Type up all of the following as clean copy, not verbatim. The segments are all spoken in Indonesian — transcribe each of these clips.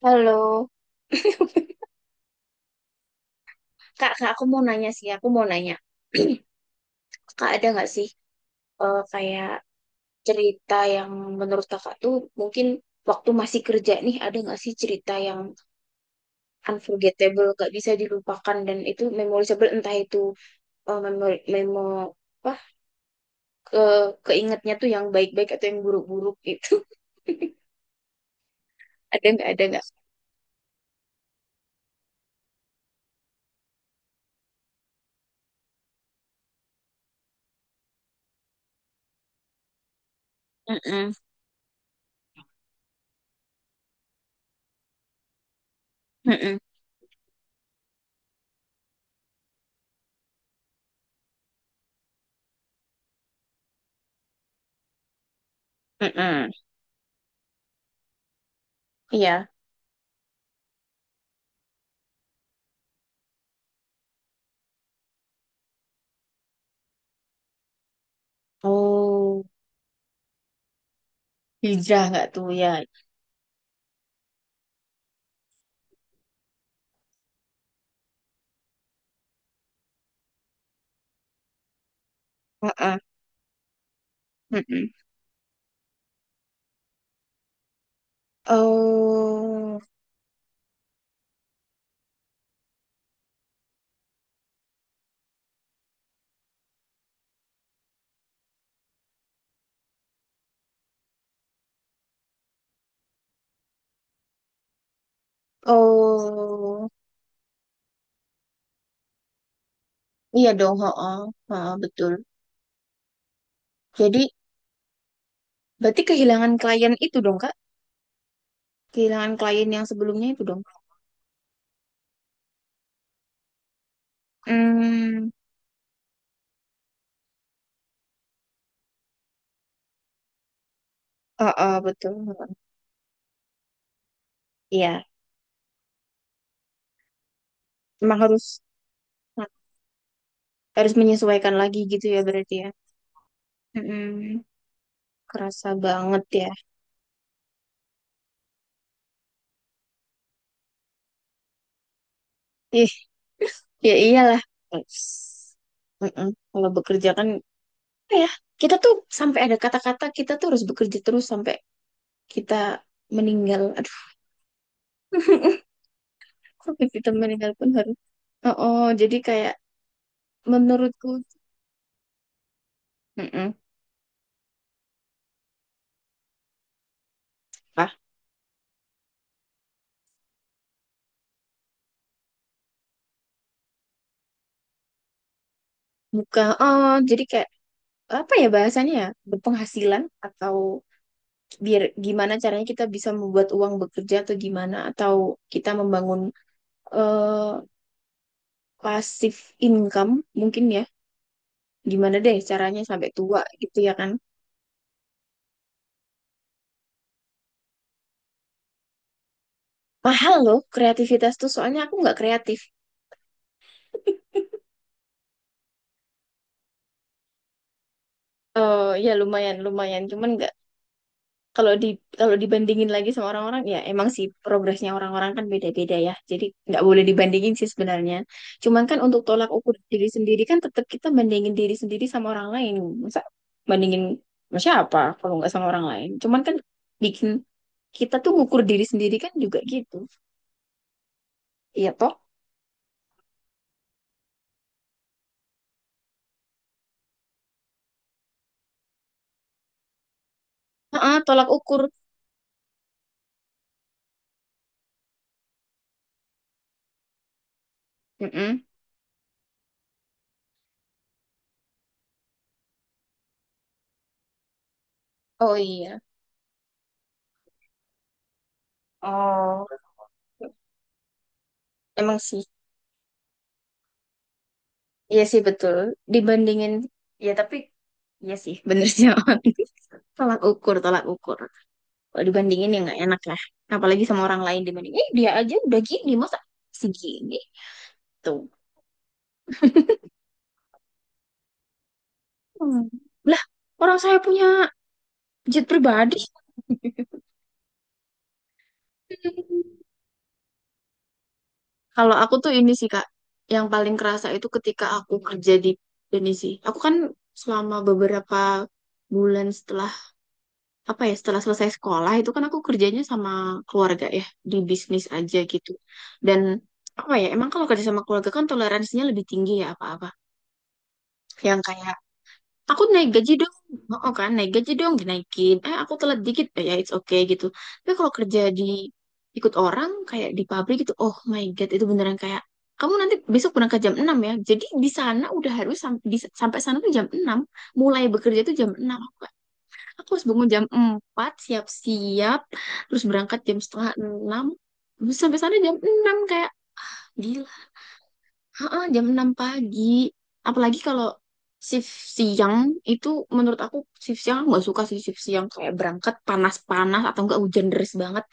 Halo, Kak, aku mau nanya, Kak ada nggak sih kayak cerita yang menurut Kakak tuh mungkin waktu masih kerja nih ada nggak sih cerita yang unforgettable, gak bisa dilupakan dan itu memorable entah itu eh, memo, memo apa ke keingetnya tuh yang baik-baik atau yang buruk-buruk gitu. Ada nggak? Ada nggak? Mm-mm, mm-mm, mm-mm. Iya. Oh, hijrah nggak tuh ya? Heeh, heeh. Oh. Oh, iya dong, heeh, heeh, betul. Jadi, berarti kehilangan klien itu dong, Kak? Kehilangan klien yang sebelumnya itu dong. Hmm, heeh, betul. Heeh. Iya, emang harus harus menyesuaikan lagi gitu ya berarti ya. Mm-mm, kerasa banget ya. Ih, ya iyalah. Ups. Mm-mm, kalau bekerja kan, apa ya, kita tuh sampai ada kata-kata kita tuh harus bekerja terus sampai kita meninggal. Aduh. Kok hitam meninggal pun harus. Oh, oh, jadi kayak menurutku, mm, hah? Bukan. Oh, jadi kayak apa ya bahasanya ya? Berpenghasilan atau biar gimana caranya kita bisa membuat uang bekerja atau gimana atau kita membangun eh pasif income mungkin ya. Gimana deh caranya sampai tua gitu ya kan? Mahal loh kreativitas tuh soalnya aku nggak kreatif. Oh ya, lumayan lumayan, cuman nggak kalau di kalau dibandingin lagi sama orang-orang ya emang sih progresnya orang-orang kan beda-beda ya. Jadi nggak boleh dibandingin sih sebenarnya. Cuman kan untuk tolak ukur diri sendiri kan tetap kita bandingin diri sendiri sama orang lain. Masa bandingin sama siapa kalau nggak sama orang lain. Cuman kan bikin kita tuh ngukur diri sendiri kan juga gitu. Iya toh? Heeh, tolak ukur. Mm-mm. Oh iya. Oh, emang sih. Iya sih betul. Dibandingin ya tapi iya sih bener sih Awan. Tolak ukur, tolak ukur. Kalau dibandingin ya nggak enak lah. Apalagi sama orang lain dibanding. Eh, dia aja udah gini masa segini tuh. Hmm. Lah orang saya punya jet pribadi. Kalau aku tuh ini sih Kak, yang paling kerasa itu ketika aku kerja di ini sih. Aku kan selama beberapa bulan setelah apa ya setelah selesai sekolah itu kan aku kerjanya sama keluarga ya di bisnis aja gitu, dan apa ya emang kalau kerja sama keluarga kan toleransinya lebih tinggi ya apa-apa yang kayak, aku naik gaji dong, oh kan naik gaji dong dinaikin, eh aku telat dikit, eh, ya it's okay gitu, tapi kalau kerja di ikut orang kayak di pabrik gitu oh my god itu beneran kayak, kamu nanti besok berangkat jam 6 ya, jadi di sana udah harus sampai sana tuh jam enam, mulai bekerja tuh jam enam. Aku harus bangun jam 4 siap-siap, terus berangkat jam setengah enam, terus sampai sana jam 6 kayak gila. Heeh, jam 6 pagi. Apalagi kalau shift siang, itu menurut aku shift siang aku nggak suka sih shift siang. Kayak berangkat panas-panas atau enggak hujan deras banget.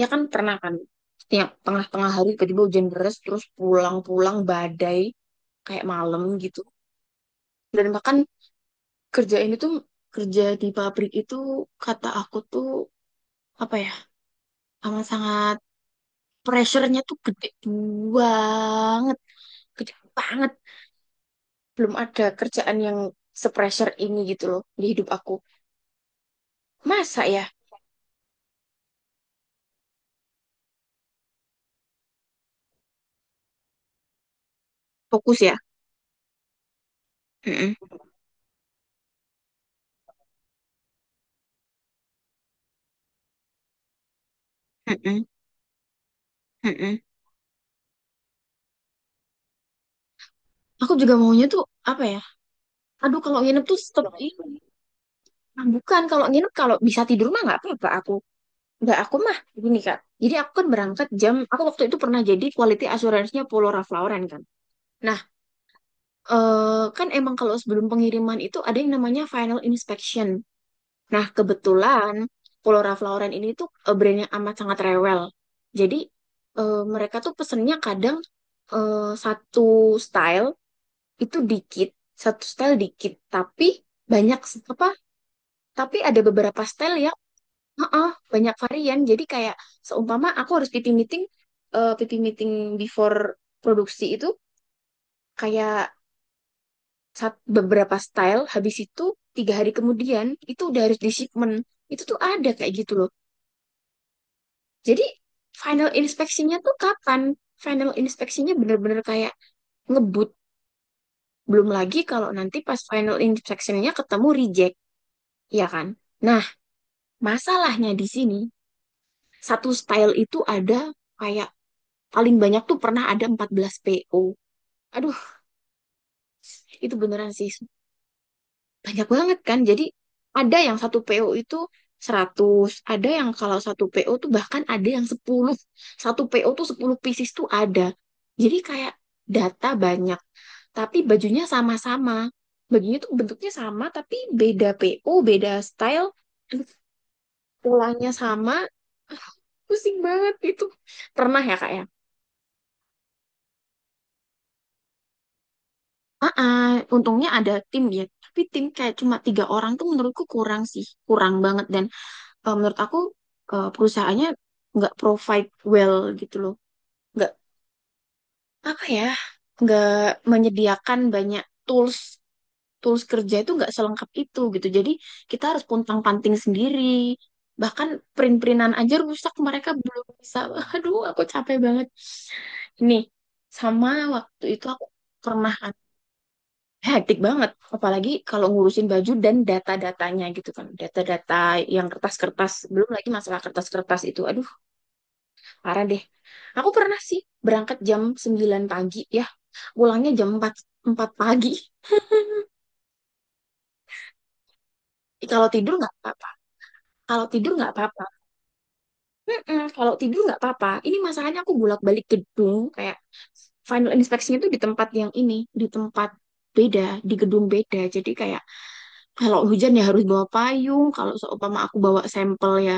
Ya kan pernah kan, setiap tengah-tengah hari tiba-tiba hujan deras, terus pulang-pulang badai kayak malam gitu. Dan bahkan kerja ini tuh, kerja di pabrik itu kata aku tuh, apa ya, amat sangat pressure-nya tuh gede banget, gede banget. Belum ada kerjaan yang se-pressure ini gitu loh di hidup aku. Masa ya? Fokus ya? Mm-mm, mm-mm, mm-mm. Aku juga maunya tuh apa ya? Aduh kalau nginep tuh stop ini. Ah, bukan kalau nginep kalau bisa tidur mah nggak apa-apa aku. Nggak, aku mah gini Kak. Jadi aku kan berangkat jam, aku waktu itu pernah jadi quality assurance-nya Polora Flauran kan. Nah, kan emang kalau sebelum pengiriman itu ada yang namanya final inspection. Nah, kebetulan Pulau Flora Lauren ini tuh brand yang amat sangat rewel. Jadi mereka tuh pesennya kadang satu style itu dikit, satu style dikit, tapi banyak apa? Tapi ada beberapa style ya, heeh, banyak varian. Jadi kayak seumpama aku harus pipi meeting before produksi itu kayak beberapa style, habis itu 3 hari kemudian itu udah harus di shipment. Itu tuh ada kayak gitu loh. Jadi final inspeksinya tuh kapan? Final inspeksinya bener-bener kayak ngebut. Belum lagi kalau nanti pas final inspeksinya ketemu reject, ya kan? Nah, masalahnya di sini, satu style itu ada kayak paling banyak tuh pernah ada 14 PO. Aduh, itu beneran sih. Banyak banget kan. Jadi ada yang satu PO itu 100, ada yang kalau satu PO tuh bahkan ada yang 10. Satu PO tuh 10 pieces tuh ada. Jadi kayak data banyak, tapi bajunya sama-sama. Bajunya tuh bentuknya sama, tapi beda PO, beda style, terus polanya sama. Ah, pusing banget itu. Pernah ya kak ya? Ah, untungnya ada tim ya. Tapi tim kayak cuma 3 orang tuh menurutku kurang sih, kurang banget. Dan menurut aku perusahaannya nggak provide well gitu loh, nggak apa ya, nggak menyediakan banyak tools tools kerja itu nggak selengkap itu gitu jadi kita harus puntang-panting sendiri, bahkan print-printan aja rusak mereka belum bisa. Aduh aku capek banget ini, sama waktu itu aku pernah hektik banget apalagi kalau ngurusin baju dan data-datanya gitu kan, data-data yang kertas-kertas belum lagi masalah kertas-kertas itu, aduh parah deh. Aku pernah sih berangkat jam 9 pagi ya. Pulangnya jam 4 4 pagi. Kalau tidur nggak apa-apa. Kalau tidur nggak apa-apa. Mm-mm, kalau tidur nggak apa-apa. Ini masalahnya aku bolak-balik gedung kayak final inspection itu di tempat yang ini, di tempat beda, di gedung beda. Jadi kayak kalau hujan ya harus bawa payung, kalau seumpama aku bawa sampel ya,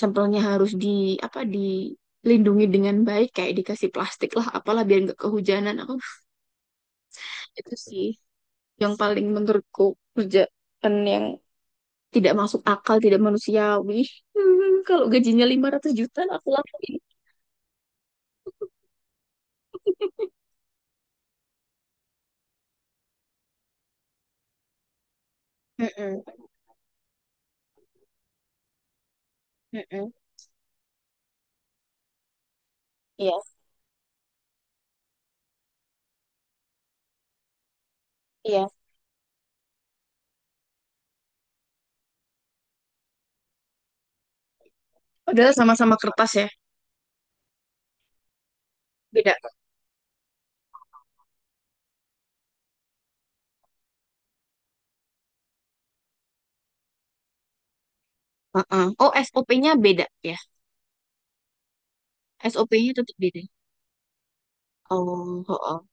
sampelnya harus di apa dilindungi dengan baik kayak dikasih plastik lah apalah biar nggak kehujanan aku, itu sih yang paling menurutku kerjaan yang tidak masuk akal, tidak manusiawi. Kalau gajinya 500 juta aku lakuin. Mm-mm, mm-mm. Iya, iya. Padahal sama-sama kertas ya, beda. Heeh. Oh, SOP-nya beda ya. SOP-nya tetap beda. Oh, oh.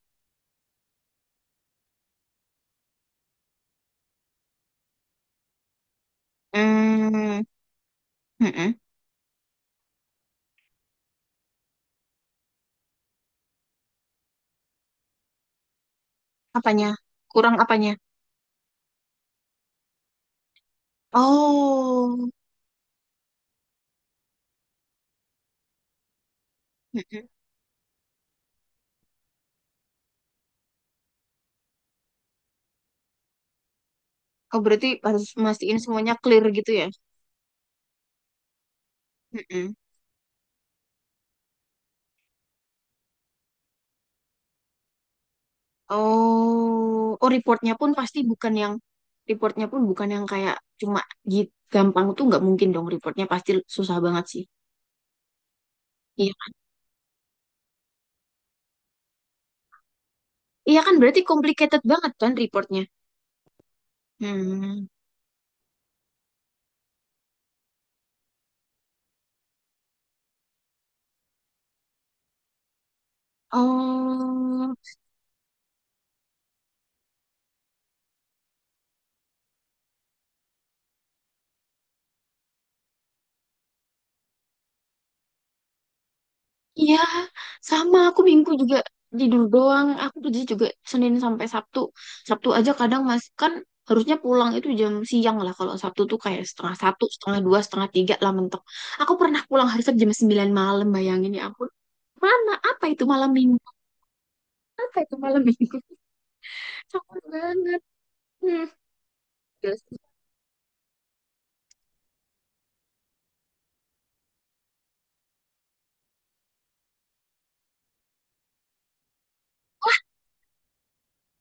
Hmm, mm-mm. Apanya? Kurang apanya? Oh, mm-mm. Oh, berarti harus mastiin semuanya clear gitu ya. Mm-mm. Oh, oh, reportnya pun pasti bukan yang, reportnya pun bukan yang kayak cuma git gampang tuh nggak mungkin dong reportnya pasti susah banget sih. Iya, iya kan berarti complicated banget kan reportnya. Hmm. Oh. Iya, sama aku minggu juga tidur doang. Aku kerja juga Senin sampai Sabtu. Sabtu aja kadang masih kan, harusnya pulang itu jam siang lah. Kalau Sabtu tuh kayak setengah satu, setengah dua, setengah tiga lah mentok. Aku pernah pulang hari Sabtu jam 9 malam, bayangin ya ampun. Mana? Apa itu malam minggu? Apa itu malam minggu? Capek banget. Hmm. Terus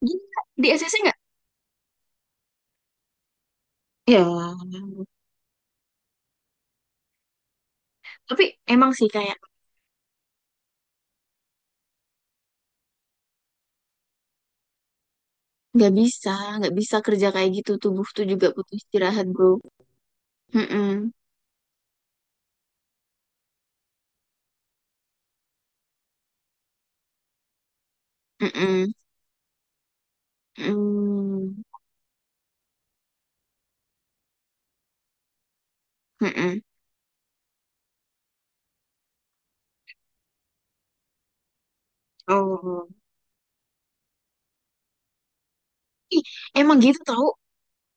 gila, di SSC nggak? Ya, tapi emang sih kayak nggak bisa, nggak bisa kerja kayak gitu. Tubuh tuh juga butuh istirahat, bro. Mm-mm. Mm-mm. Mm. Mm-mm. Oh. Ih, emang gitu tahu.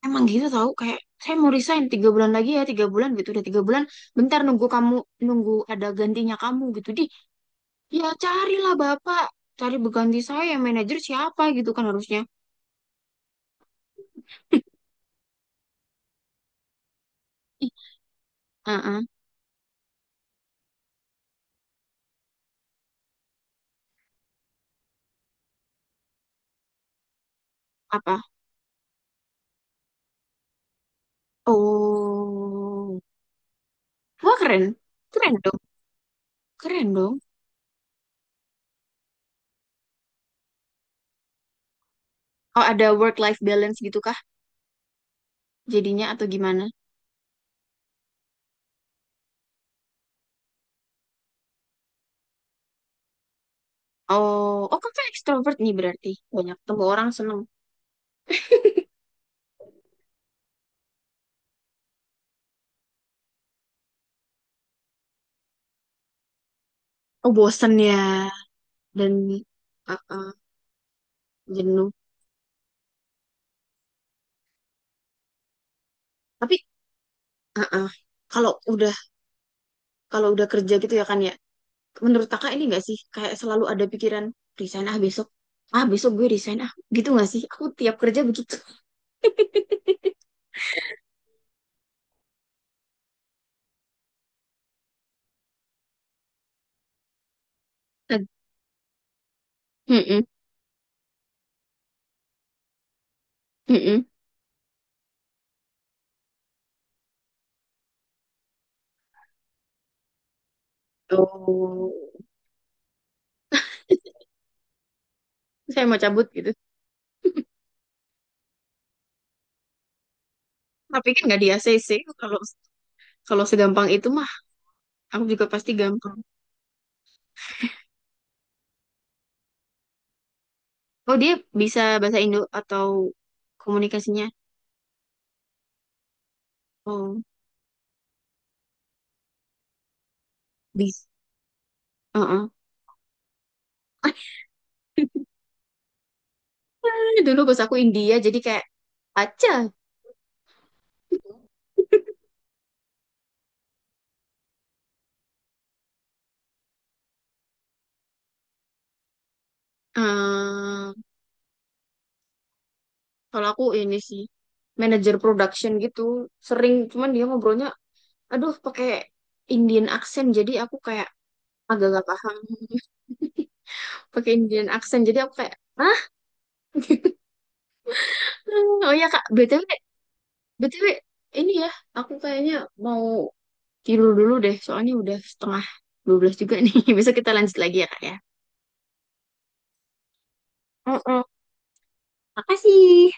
Emang gitu tahu kayak saya mau resign 3 bulan lagi ya tiga bulan gitu udah tiga bulan, bentar nunggu kamu, nunggu ada gantinya kamu gitu di, ya carilah bapak, cari berganti saya manajer siapa gitu kan harusnya. Ih, uh-uh. Apa? Oh, wah keren, keren dong, keren dong. Oh ada work life balance gitu kah jadinya atau gimana. Oh, oh kakak ekstrovert nih berarti. Banyak temu orang seneng. Oh, bosen ya. Dan uh, uh, jenuh. Tapi uh, uh, kalau udah kalau udah kerja gitu ya kan ya. Menurut kakak ini nggak sih? Kayak selalu ada pikiran resign ah besok. Ah besok gue resign ah. Gitu nggak sih? Aku tiap kerja begitu. Mm-mm, mm-mm. Oh, saya mau cabut gitu. Tapi kan nggak di ACC, kalau kalau segampang itu mah aku juga pasti gampang. Oh, dia bisa bahasa Indo atau komunikasinya? Oh, bisa. Heeh. Dulu bos aku India, jadi kayak aja. eh Kalau aku ini sih manajer production gitu, sering cuman dia ngobrolnya, aduh pakai Indian accent, jadi aku kayak agak gak paham. Pakai Indian accent, jadi aku kayak, ah, oh ya Kak, BTW, BTW, ini ya, aku kayaknya mau tidur dulu deh, soalnya udah setengah 12 juga nih. Besok kita lanjut lagi ya, Kak ya. Mm-mm. Makasih.